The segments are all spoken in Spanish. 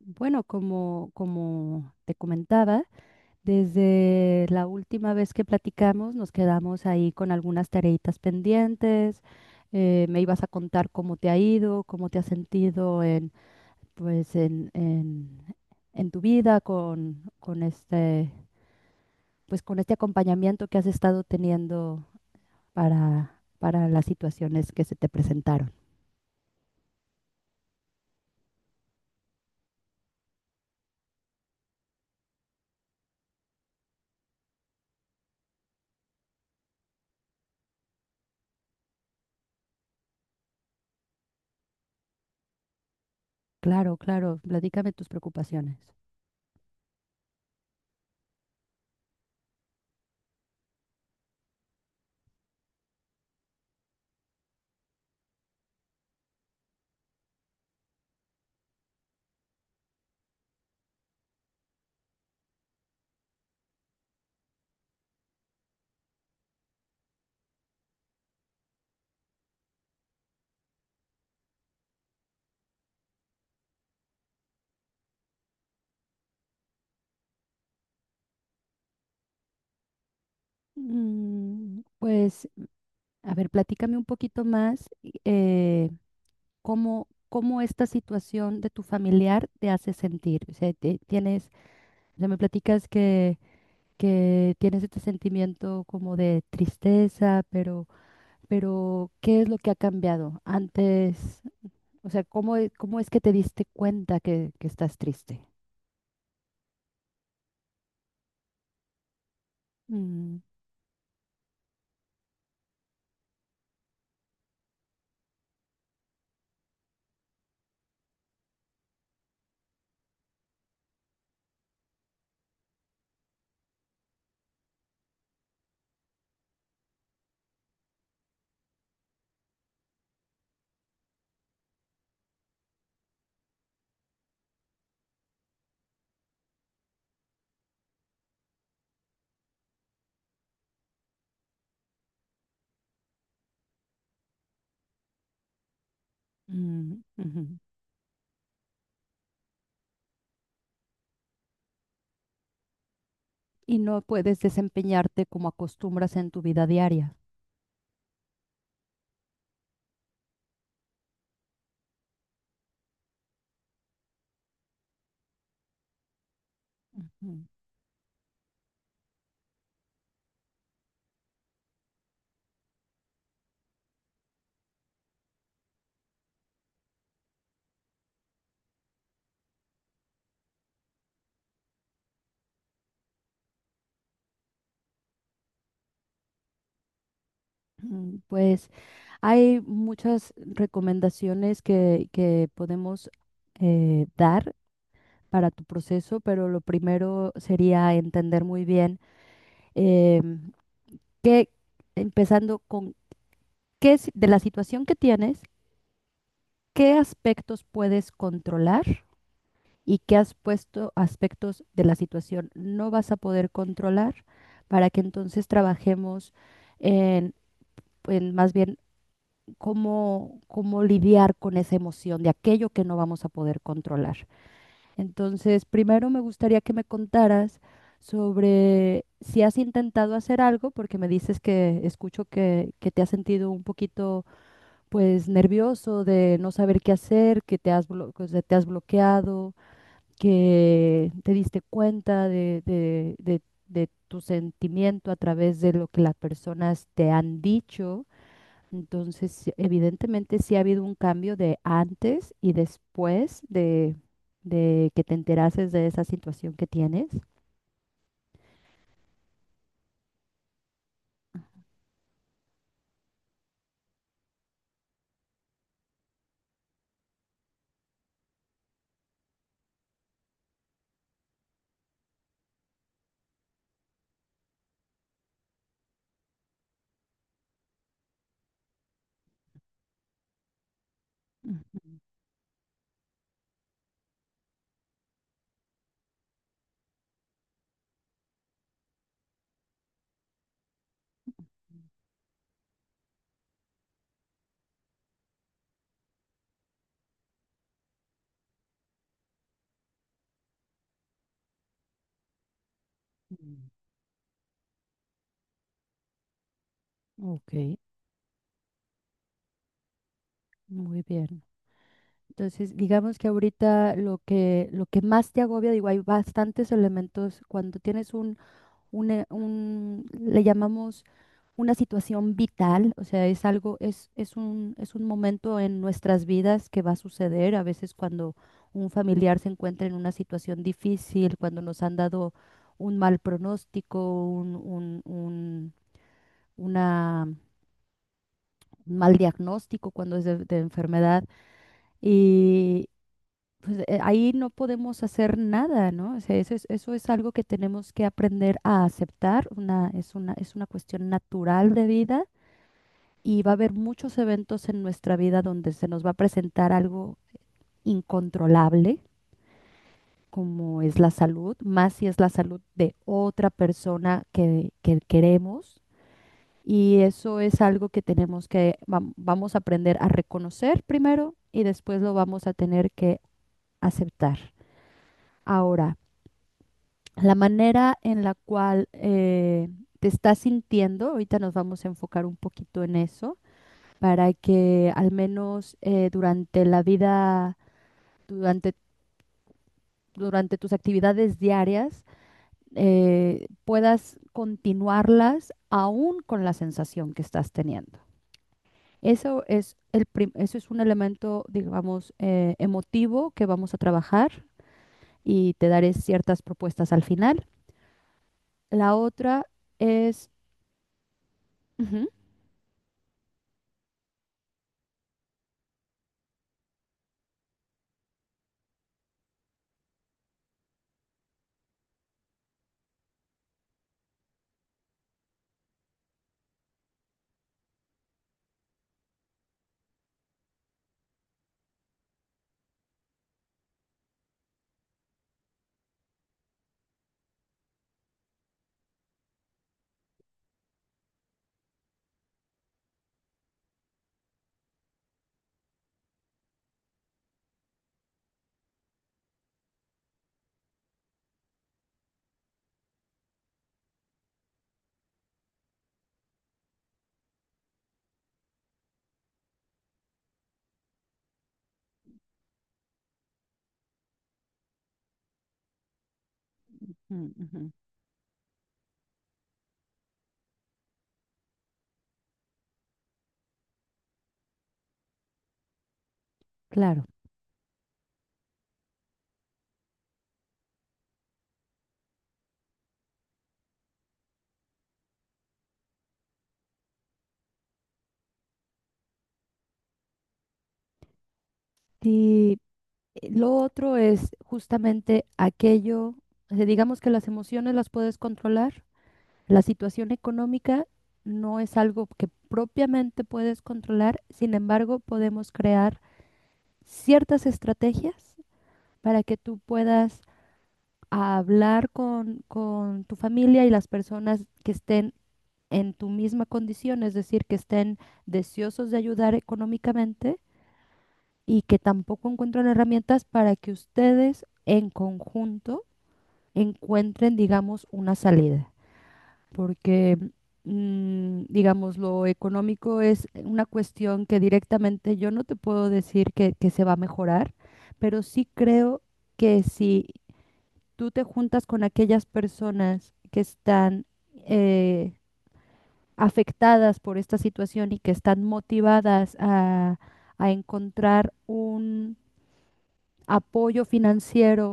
Bueno, como te comentaba, desde la última vez que platicamos nos quedamos ahí con algunas tareitas pendientes. Me ibas a contar cómo te ha ido, cómo te has sentido en en tu vida con este, pues, con este acompañamiento que has estado teniendo para las situaciones que se te presentaron. Claro, claro, platícame tus preocupaciones. Mm. Pues a ver, platícame un poquito más, eh, cómo esta situación de tu familiar te hace sentir. O sea, tienes, o sea, me platicas que tienes este sentimiento como de tristeza, pero ¿qué es lo que ha cambiado antes? O sea, ¿cómo, cómo es que te diste cuenta que estás triste? Mm, mm, ujú. Y no puedes desempeñarte como acostumbras en tu vida diaria. Ujú. Mm. Pues hay muchas recomendaciones que podemos, dar para tu proceso, pero lo primero sería entender muy bien, eh, qué, empezando con qué si- de la situación que tienes, qué aspectos puedes controlar y qué has puesto aspectos de la situación no vas a poder controlar para que entonces trabajemos en en más bien cómo lidiar con esa emoción de aquello que no vamos a poder controlar. Entonces, primero me gustaría que me contaras sobre si has intentado hacer algo, porque me dices que escucho que te has sentido un poquito, pues, nervioso de no saber qué hacer, que te has, o sea, te has bloqueado, que te diste cuenta de de tu sentimiento a través de lo que las personas te han dicho. Entonces, sí, evidentemente sí ha habido un cambio de antes y después de que te enterases de esa situación que tienes. Ujú, ujú. Ok, muy bien. Entonces, digamos que ahorita lo lo que más te agobia, digo, hay bastantes elementos cuando tienes un le llamamos una situación vital, o sea, es algo, es un momento en nuestras vidas que va a suceder, a veces cuando un familiar se encuentra en una situación difícil, cuando nos han dado un mal pronóstico, una mal diagnóstico, cuando es de enfermedad. Y pues, ahí no podemos hacer nada, ¿no? O sea, eso es algo que tenemos que aprender a aceptar. Es una cuestión natural de vida y va a haber muchos eventos en nuestra vida donde se nos va a presentar algo incontrolable, como es la salud, más si es la salud de otra persona que queremos y eso es algo que tenemos que, vamos a aprender a reconocer primero y después lo vamos a tener que aceptar. Ahora, la manera en la cual te estás sintiendo, ahorita nos vamos a enfocar un poquito en eso, para que al menos durante la vida, durante, durante tus actividades diarias, puedas continuarlas aún con la sensación que estás teniendo. Eso es el eso es un elemento, digamos, emotivo que vamos a trabajar y te daré ciertas propuestas al final. La otra es, ujú, ujú, ujú, claro. Y lo otro es justamente aquello, o sea, digamos que las emociones las puedes controlar. La situación económica no es algo que propiamente puedes controlar, sin embargo, podemos crear ciertas estrategias para que tú puedas a hablar con tu familia y las personas que estén en tu misma condición, es decir, que estén deseosos de ayudar económicamente y que tampoco encuentran herramientas para que ustedes en conjunto encuentren, digamos, una salida. Porque, mm, digamos, lo económico es una cuestión que directamente yo no te puedo decir que se va a mejorar, pero sí creo que si tú te juntas con aquellas personas que están, eh, afectadas por esta situación y que están motivadas a encontrar un apoyo financiero,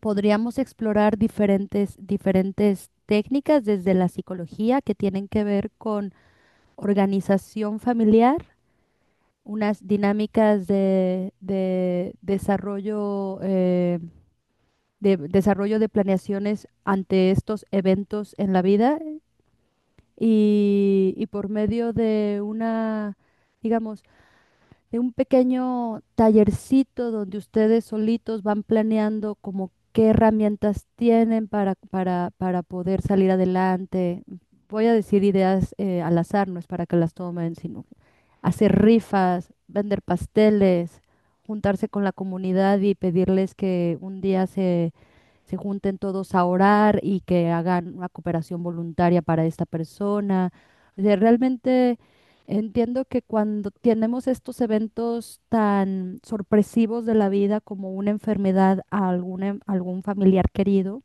podríamos explorar diferentes técnicas desde la psicología que tienen que ver con organización familiar, unas dinámicas de desarrollo, de desarrollo de planeaciones ante estos eventos en la vida y por medio de una, digamos, de un pequeño tallercito donde ustedes solitos van planeando como qué herramientas tienen para poder salir adelante. Voy a decir ideas, al azar, no es para que las tomen, sino hacer rifas, vender pasteles, juntarse con la comunidad y pedirles que un día se junten todos a orar y que hagan una cooperación voluntaria para esta persona. O sea, realmente entiendo que cuando tenemos estos eventos tan sorpresivos de la vida como una enfermedad a algún familiar querido,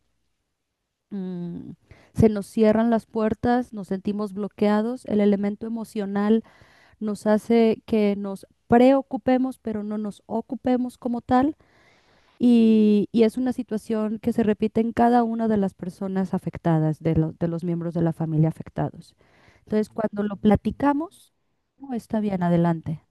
mm, se nos cierran las puertas, nos sentimos bloqueados, el elemento emocional nos hace que nos preocupemos, pero no nos ocupemos como tal, y es una situación que se repite en cada una de las personas afectadas, de los miembros de la familia afectados. Entonces, cuando lo platicamos, no está bien, adelante.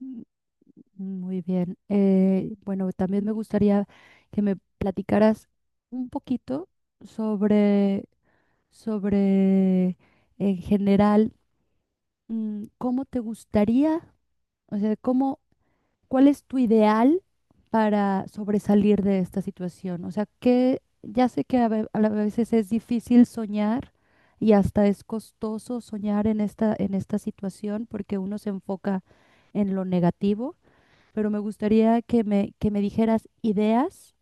Mm, muy bien. Bueno, también me gustaría que me platicaras un poquito sobre, sobre en general, mm, cómo te gustaría, o sea, cómo ¿cuál es tu ideal para sobresalir de esta situación? O sea, que ya sé que a a veces es difícil soñar y hasta es costoso soñar en en esta situación porque uno se enfoca en lo negativo, pero me gustaría que que me dijeras ideas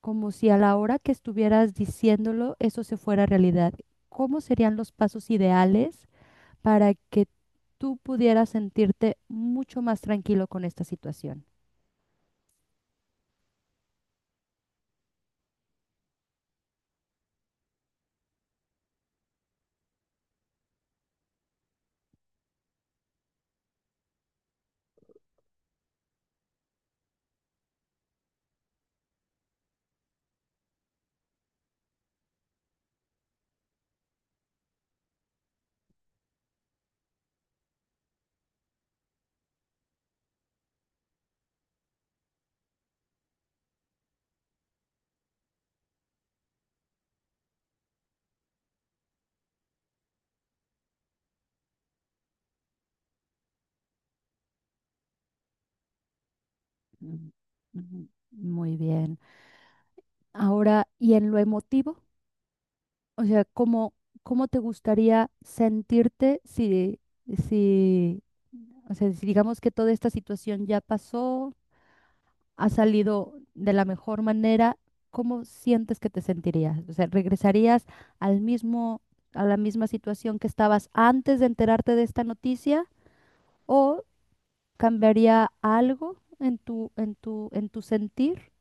como si a la hora que estuvieras diciéndolo eso se fuera realidad. ¿Cómo serían los pasos ideales para que tú pudieras sentirte mucho más tranquilo con esta situación? Mm, ujú, muy bien. Ahora, ¿y en lo emotivo? O sea, ¿cómo, cómo te gustaría sentirte si, si, o sea, si digamos que toda esta situación ya pasó, ha salido de la mejor manera, ¿cómo sientes que te sentirías? O sea, ¿regresarías al mismo, a la misma situación que estabas antes de enterarte de esta noticia? ¿O cambiaría algo en tu sentir?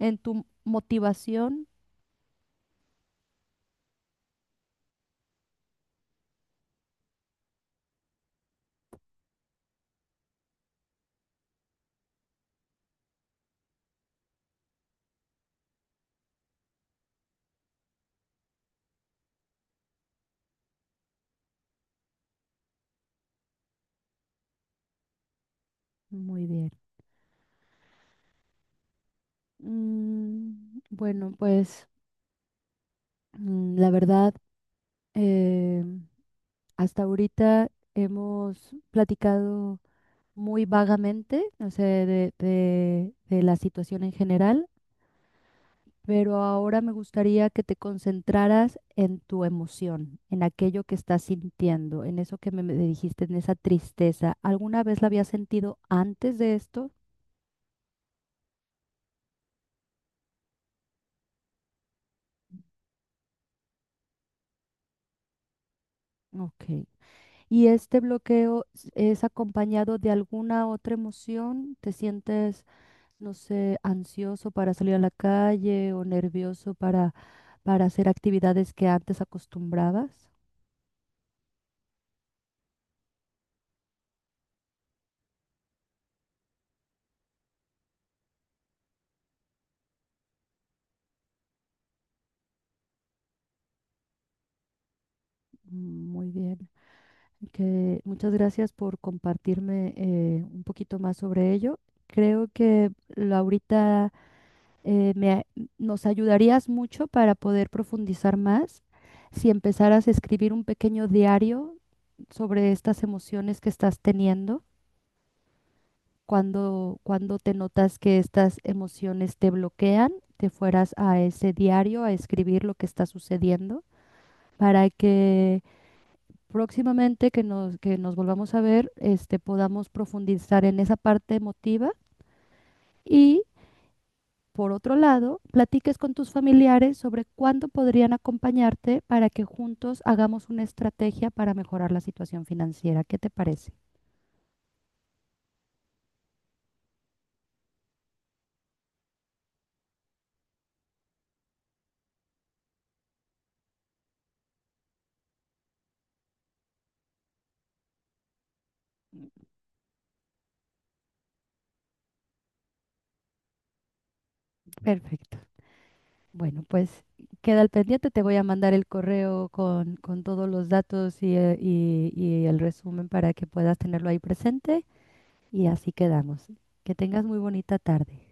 En tu motivación. Muy bien. Mm, bueno, pues mm, la verdad, eh, hasta ahorita hemos platicado muy vagamente, o sea, de la situación en general, pero ahora me gustaría que te concentraras en tu emoción, en aquello que estás sintiendo, en eso que me dijiste, en esa tristeza. ¿Alguna vez la habías sentido antes de esto? Ok. ¿Y este bloqueo es acompañado de alguna otra emoción? ¿Te sientes, no sé, ansioso para salir a la calle o nervioso para hacer actividades que antes acostumbrabas? Mm, muy bien. Que muchas gracias por compartirme, un poquito más sobre ello. Creo que ahorita, eh, me a- nos ayudarías mucho para poder profundizar más si empezaras a escribir un pequeño diario sobre estas emociones que estás teniendo, cuando te notas que estas emociones te bloquean, te fueras a ese diario a escribir lo que está sucediendo para que próximamente que que nos volvamos a ver, este, podamos profundizar en esa parte emotiva. Y por otro lado, platiques con tus familiares sobre cuándo podrían acompañarte para que juntos hagamos una estrategia para mejorar la situación financiera. ¿Qué te parece? Perfecto. Bueno, pues queda al pendiente. Te voy a mandar el correo con todos los datos y, y el resumen para que puedas tenerlo ahí presente. Y así quedamos. Que tengas muy bonita tarde.